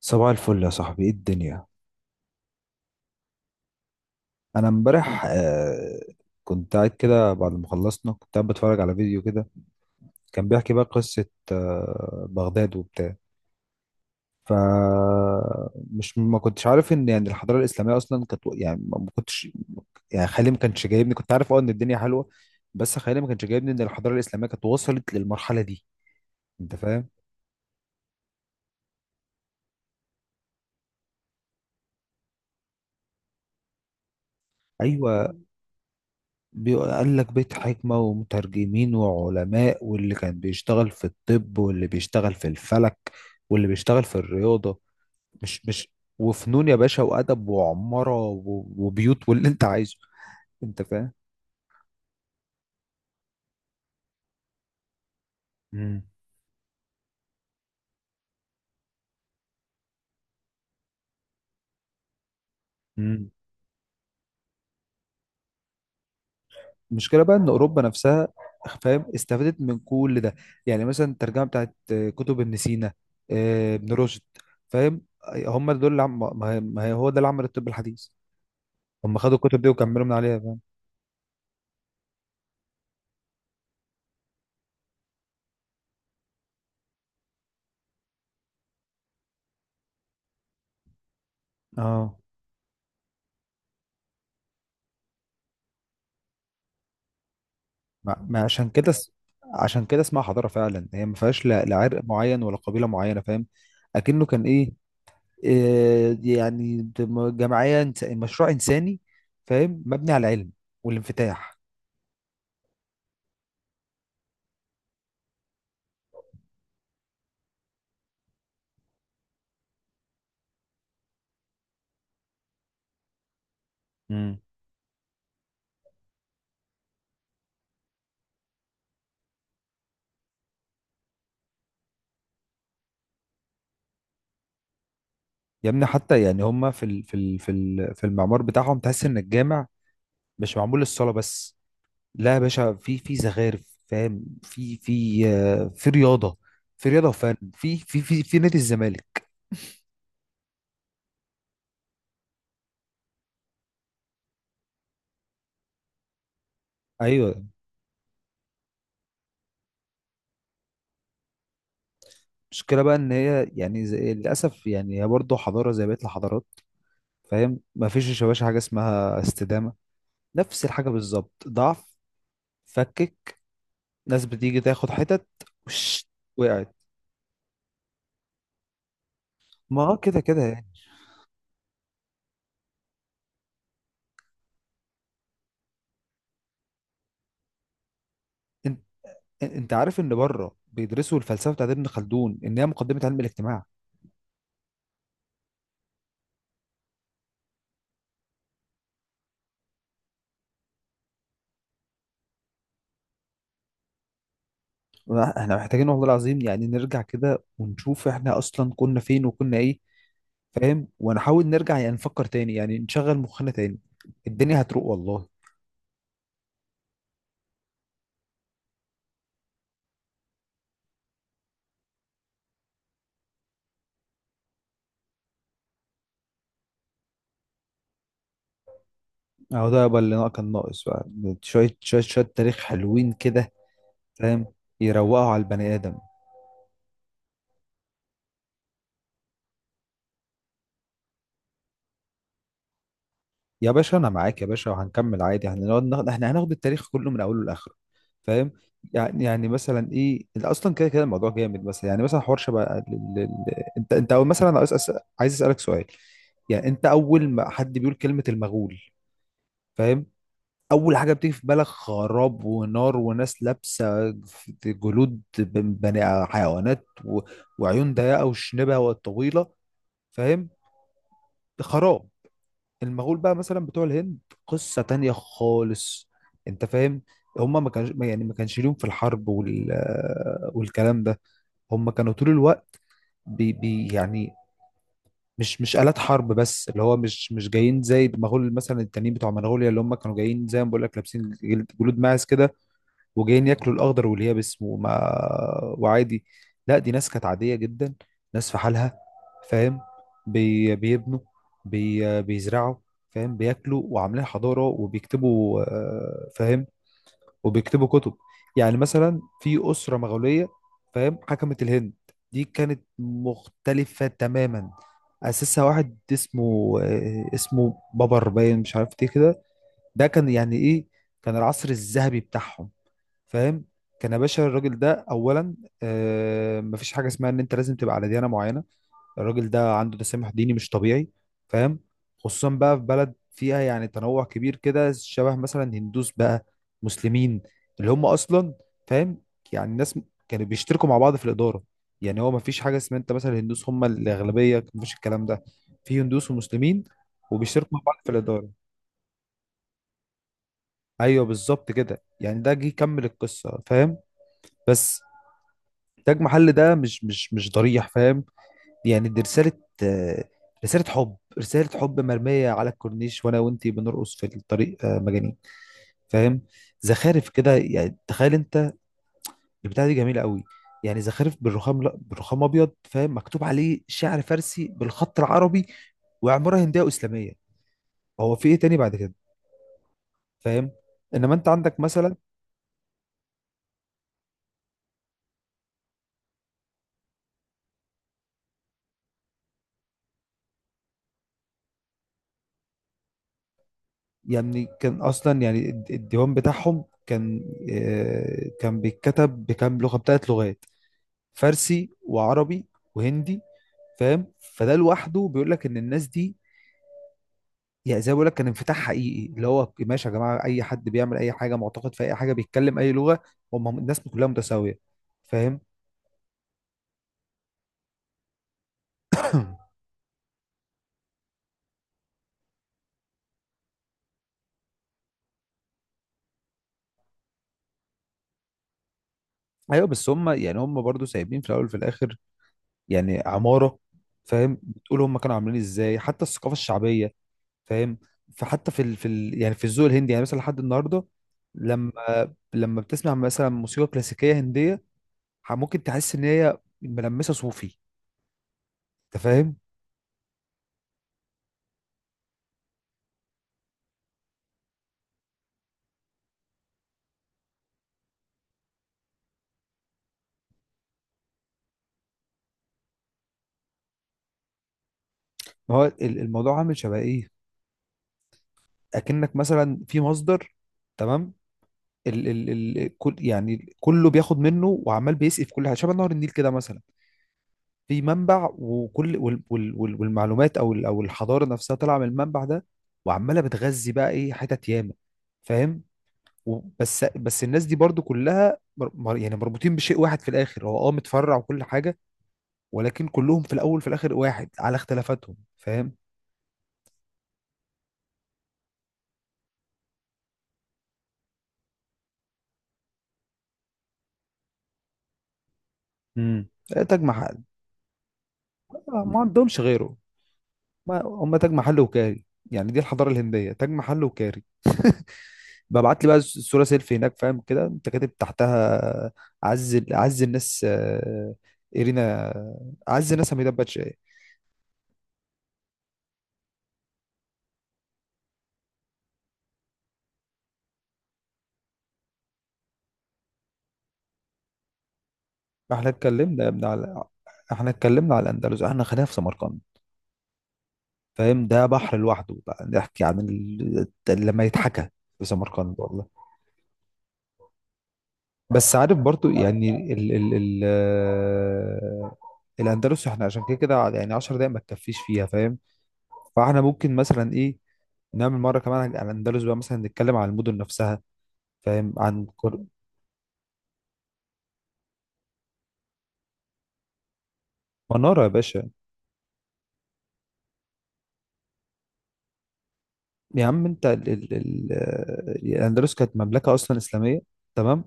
صباح الفل يا صاحبي، ايه الدنيا؟ انا امبارح كنت قاعد كده بعد ما خلصنا، كنت قاعد بتفرج على فيديو كده. كان بيحكي بقى قصة بغداد وبتاع. ف مش ما كنتش عارف ان يعني الحضارة الإسلامية اصلا كانت، يعني ما كنتش، يعني خيالي ما كانش جايبني. كنت عارف ان الدنيا حلوة، بس خيالي ما كانش جايبني ان الحضارة الإسلامية كانت وصلت للمرحلة دي. انت فاهم؟ ايوه، بيقول لك بيت حكمة ومترجمين وعلماء، واللي كان بيشتغل في الطب، واللي بيشتغل في الفلك، واللي بيشتغل في الرياضة. مش مش وفنون يا باشا، وأدب وعمارة وبيوت واللي أنت عايزه. أنت فاهم؟ مم. مم. المشكلة بقى إن أوروبا نفسها، فاهم، استفادت من كل ده. يعني مثلا الترجمة بتاعت كتب ابن سينا، ابن رشد. فاهم؟ هم دول اللي ما هي ما هي- هو ده اللي عمل الطب الحديث. هم خدوا الكتب دي وكملوا من عليها، فاهم؟ اه. ما ما عشان كده اس- عشان كده اسمها حضارة فعلا، هي ما فيهاش لا لا عرق معين ولا قبيلة معينة، فاهم. اكنه كان ايه؟ إيه يعني، جمعية مشروع انساني، فاهم، مبني على العلم والانفتاح. امم. يا ابني حتى يعني هما في المعمار بتاعهم تحس ان الجامع مش معمول للصلاة بس. لا يا باشا، في زخارف، فاهم، في رياضة، في رياضة وفن، في نادي الزمالك. ايوه. المشكلة بقى إن هي يعني زي للأسف، يعني هي برضه حضارة زي بقية الحضارات، فاهم، مفيش يا باشا حاجة اسمها استدامة. نفس الحاجة بالظبط، ضعف، فكك، ناس بتيجي تاخد حتت، وش، وقعت. ما هو كده كده يعني. انت, انت عارف إن بره بيدرسوا الفلسفة بتاعت ابن خلدون إن هي مقدمة علم الاجتماع. احنا محتاجين والله العظيم يعني نرجع كده ونشوف احنا أصلا كنا فين وكنا إيه، فاهم، ونحاول نرجع يعني نفكر تاني، يعني نشغل مخنا تاني. الدنيا هتروق والله. اهو ده بقى اللي كان ناقص بقى، شوية شوية شوية تاريخ حلوين كده، فاهم، يروقوا على البني آدم. يا باشا أنا معاك يا باشا، وهنكمل عادي، هنقعد ناخد، احنا هناخد التاريخ كله من أوله لآخره، فاهم. يعني مثلا إيه اللي أصلا كده كده الموضوع جامد، مثلا يعني مثلا حوار شبه أنت أول، مثلا عايز عايز أسألك سؤال. يعني أنت أول ما حد بيقول كلمة المغول، فاهم، اول حاجه بتيجي في بالك خراب ونار وناس لابسه جلود بني حيوانات، و... وعيون ضيقه وشنبه وطويله، فاهم. خراب. المغول بقى مثلا بتوع الهند، قصه تانية خالص، انت فاهم. هم ما كانش يعني ما كانش ليهم في الحرب وال... والكلام ده. هم كانوا طول الوقت بي... بي يعني مش آلات حرب بس، اللي هو مش جايين زي المغول مثلا التانيين بتوع منغوليا، اللي هم كانوا جايين زي ما بقول لك، لابسين جلود ماعز كده، وجايين ياكلوا الاخضر واليابس وما، وعادي. لا، دي ناس كانت عاديه جدا، ناس في حالها، فاهم. بيبنوا، بيزرعوا، فاهم، بياكلوا وعاملين حضاره وبيكتبوا، فاهم، وبيكتبوا كتب. يعني مثلا في اسره مغوليه، فاهم، حكمت الهند، دي كانت مختلفه تماما. اسسها واحد اسمه بابر باين، مش عارف ايه كده. ده كان يعني ايه؟ كان العصر الذهبي بتاعهم، فاهم. كان يا باشا الراجل ده اولا، مفيش حاجه اسمها ان انت لازم تبقى على ديانه معينه. الراجل ده عنده تسامح ديني مش طبيعي، فاهم، خصوصا بقى في بلد فيها يعني تنوع كبير كده شبه، مثلا هندوس بقى، مسلمين، اللي هم اصلا، فاهم. يعني الناس كانوا بيشتركوا مع بعض في الاداره. يعني هو مفيش حاجه اسمها انت مثلا هندوس هم الاغلبيه، مفيش الكلام ده، في هندوس ومسلمين وبيشتركوا مع بعض في الاداره. ايوه بالظبط كده، يعني ده جه يكمل القصه، فاهم. بس تاج محل ده مش ضريح، فاهم. يعني دي رسالة، آه، رسالة حب، رسالة حب مرمية على الكورنيش وانا وانتي بنرقص في الطريق، مجانين، فاهم. زخارف كده، يعني تخيل انت، البتاعة دي جميلة قوي، يعني زخارف بالرخام، لا بالرخام ابيض، فاهم، مكتوب عليه شعر فارسي بالخط العربي، وعمارة هندية واسلامية. هو في ايه تاني بعد كده، فاهم؟ انما انت عندك مثلا، يعني كان اصلا يعني الديوان بتاعهم كان، كان بيتكتب بكام لغة، بتلات لغات، فارسي وعربي وهندي، فاهم. فده لوحده بيقول لك ان الناس دي، يعني زي ما بقول لك، كان انفتاح حقيقي، اللي هو ماشي يا جماعه، اي حد بيعمل اي حاجه، معتقد في اي حاجه، بيتكلم اي لغه، هم الناس كلها متساويه، فاهم. ايوه، بس هم يعني هم برضو سايبين في الاول وفي الاخر، يعني عماره، فاهم، بتقول هم كانوا عاملين ازاي، حتى الثقافه الشعبيه، فاهم. فحتى يعني في الذوق الهندي، يعني مثلا لحد النهارده، لما، لما بتسمع مثلا موسيقى كلاسيكيه هنديه، ممكن تحس ان هي ملمسه صوفي، انت فاهم. ما هو الموضوع عامل شبه ايه، اكنك مثلا في مصدر، تمام، ال ال ال كل، يعني كله بياخد منه، وعمال بيسقي في كل حاجه، شبه نهر النيل كده مثلا. في منبع، وكل والمعلومات او او الحضاره نفسها طالعه من المنبع ده، وعماله بتغذي بقى ايه حتت ياما، فاهم. بس الناس دي برضو كلها يعني مربوطين بشيء واحد في الاخر، هو متفرع وكل حاجه، ولكن كلهم في الاول في الاخر واحد على اختلافاتهم، فاهم. امم تاج محل. ما عندهمش غيره. ما هم تاج محل وكاري، يعني دي الحضاره الهنديه، تاج محل وكاري. ببعت لي بقى الصوره سيلفي هناك، فاهم كده، انت كاتب تحتها عز الناس، ايرينا، عز الناس حميدة باتشاي. احنا اتكلمنا يا ابني على، احنا اتكلمنا على الاندلس، احنا خلينا في سمرقند، فاهم. ده بحر لوحده بقى، نحكي عن ال... لما يتحكى في سمرقند والله. بس عارف برضو، يعني ال ال ال آه، الاندلس احنا عشان كده كده يعني 10 دقايق ما تكفيش فيها، فاهم. فاحنا ممكن مثلا ايه، نعمل مره كمان عن الاندلس بقى، مثلا نتكلم عن المدن نفسها، فاهم، عن مناره يا باشا. يا عم انت ال ال ال آه، الاندلس كانت مملكه اصلا اسلاميه، تمام،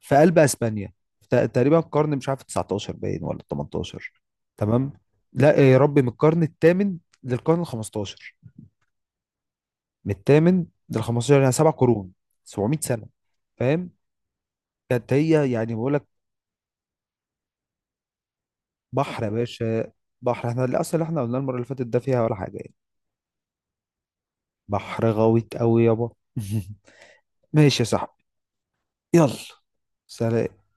في قلب اسبانيا. تقريبا القرن مش عارف 19 باين ولا 18، تمام. لا يا ربي، من القرن الثامن للقرن ال 15، من الثامن لل 15، يعني 7 قرون، 700 سنه، فاهم. كانت هي يعني، بقول لك، بحر يا باشا. بحر، احنا الاصل اللي احنا قلنا المره اللي فاتت ده فيها ولا حاجه يعني. بحر غويط قوي يابا. ماشي يا صاحبي. يلا. سلام.